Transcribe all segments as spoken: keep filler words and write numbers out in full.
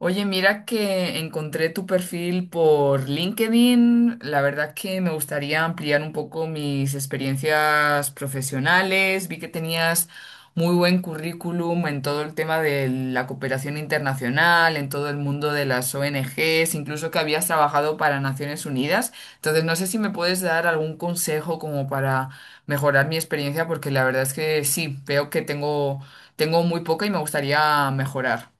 Oye, mira que encontré tu perfil por LinkedIn. La verdad que me gustaría ampliar un poco mis experiencias profesionales. Vi que tenías muy buen currículum en todo el tema de la cooperación internacional, en todo el mundo de las O N Ges, incluso que habías trabajado para Naciones Unidas. Entonces, no sé si me puedes dar algún consejo como para mejorar mi experiencia, porque la verdad es que sí, veo que tengo, tengo muy poca y me gustaría mejorar.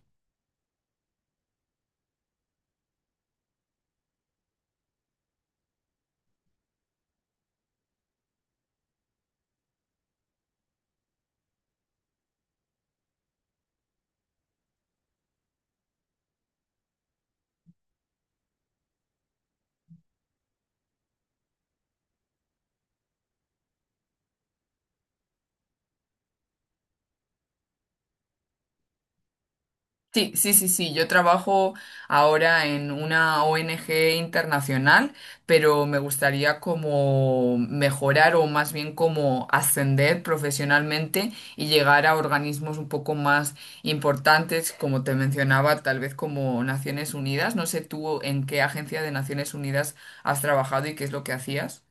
Sí, sí, sí, sí. Yo trabajo ahora en una O N G internacional, pero me gustaría como mejorar o más bien como ascender profesionalmente y llegar a organismos un poco más importantes, como te mencionaba, tal vez como Naciones Unidas. No sé tú en qué agencia de Naciones Unidas has trabajado y qué es lo que hacías.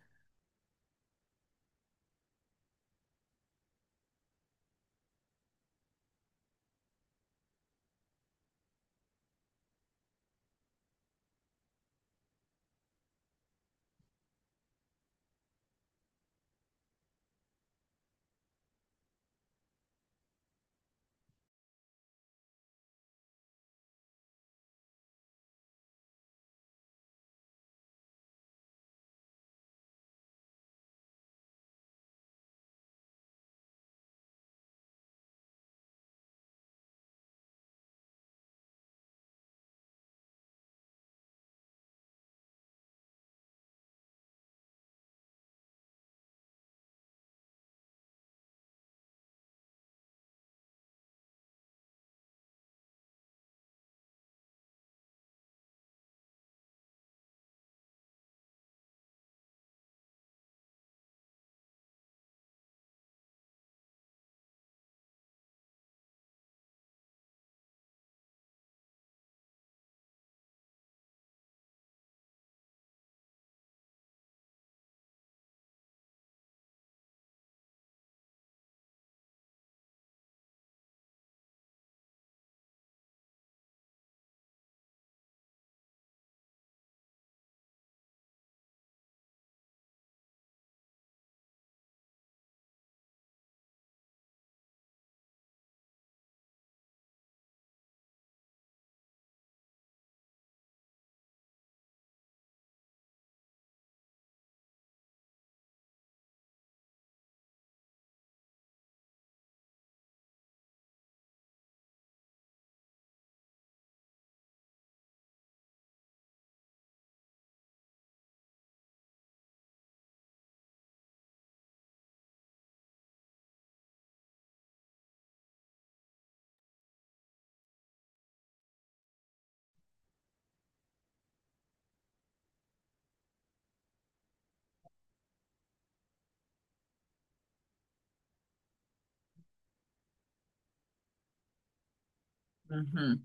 Ujú.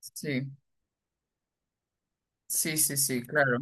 Sí, sí, sí, sí, claro.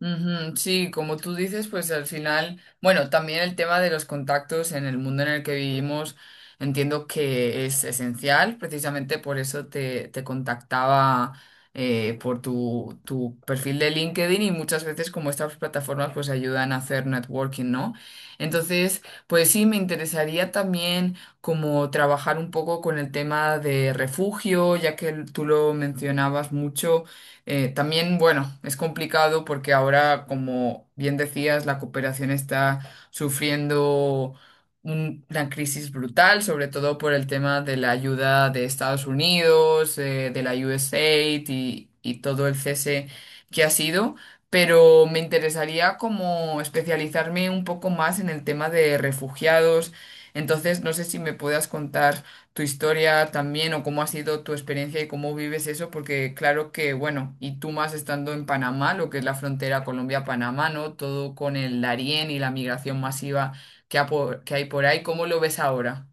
Ujú, sí, como tú dices, pues al final, bueno, también el tema de los contactos en el mundo en el que vivimos, entiendo que es esencial, precisamente por eso te, te contactaba eh, por tu, tu perfil de LinkedIn, y muchas veces como estas plataformas pues ayudan a hacer networking, ¿no? Entonces, pues sí, me interesaría también como trabajar un poco con el tema de refugio, ya que tú lo mencionabas mucho. Eh, también, bueno, es complicado porque ahora, como bien decías, la cooperación está sufriendo un- una crisis brutal, sobre todo por el tema de la ayuda de Estados Unidos, eh, de la USAID y, y todo el cese que ha sido. Pero me interesaría como especializarme un poco más en el tema de refugiados. Entonces, no sé si me puedas contar tu historia también o cómo ha sido tu experiencia y cómo vives eso, porque claro que, bueno, y tú más estando en Panamá, lo que es la frontera Colombia-Panamá, ¿no? Todo con el Darién y la migración masiva que, ha por- que hay por ahí, ¿cómo lo ves ahora?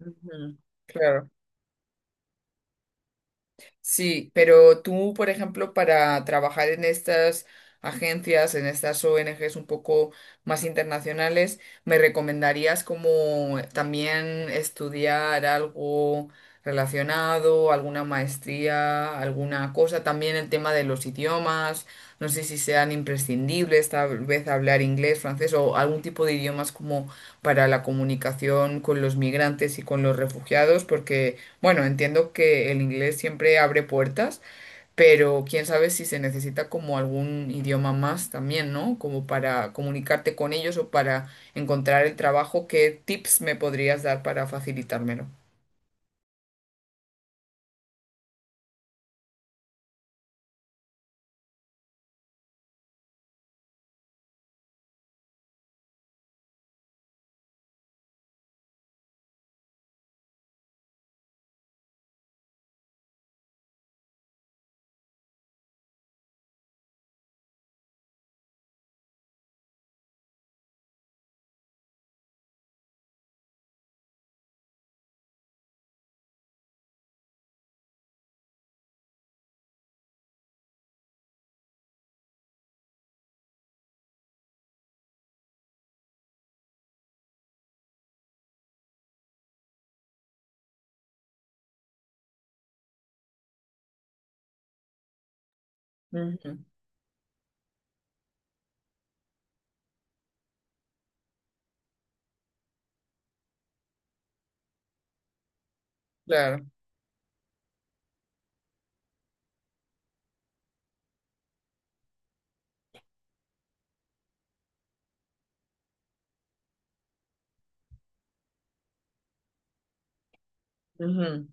Ujú. Claro. Sí, pero tú, por ejemplo, para trabajar en estas agencias, en estas O N Ges un poco más internacionales, ¿me recomendarías como también estudiar algo relacionado, alguna maestría, alguna cosa? También el tema de los idiomas, no sé si sean imprescindibles, tal vez hablar inglés, francés o algún tipo de idiomas como para la comunicación con los migrantes y con los refugiados, porque... Bueno, entiendo que el inglés siempre abre puertas, pero quién sabe si se necesita como algún idioma más también, ¿no? Como para comunicarte con ellos o para encontrar el trabajo. ¿Qué tips me podrías dar para facilitármelo? Ujú. Claro. Ujú.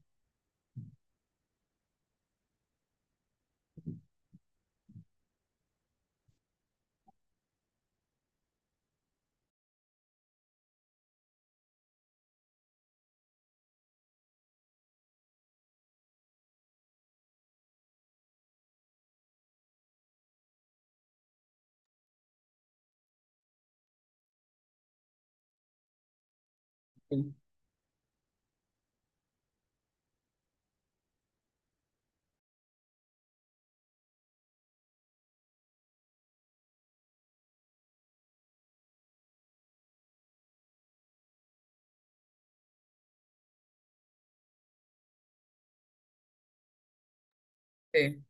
Sí. Sí.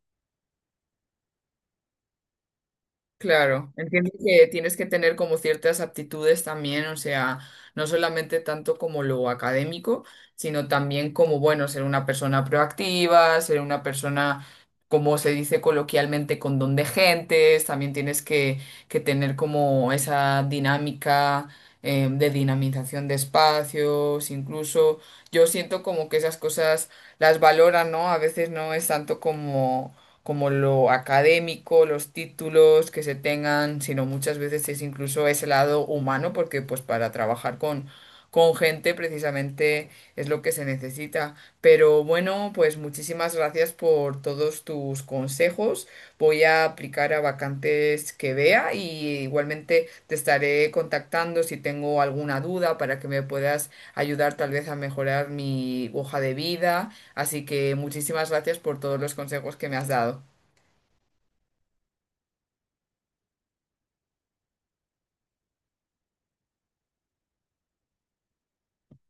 Claro, entiendo que tienes que tener como ciertas aptitudes también, o sea, no solamente tanto como lo académico, sino también como, bueno, ser una persona proactiva, ser una persona, como se dice coloquialmente, con don de gentes, también tienes que, que tener como esa dinámica, eh, de dinamización de espacios, incluso yo siento como que esas cosas las valoran, ¿no? A veces no es tanto como como lo académico, los títulos que se tengan, sino muchas veces es incluso ese lado humano, porque pues para trabajar con, con gente precisamente es lo que se necesita. Pero bueno, pues muchísimas gracias por todos tus consejos. Voy a aplicar a vacantes que vea y igualmente te estaré contactando si tengo alguna duda para que me puedas ayudar tal vez a mejorar mi hoja de vida. Así que muchísimas gracias por todos los consejos que me has dado.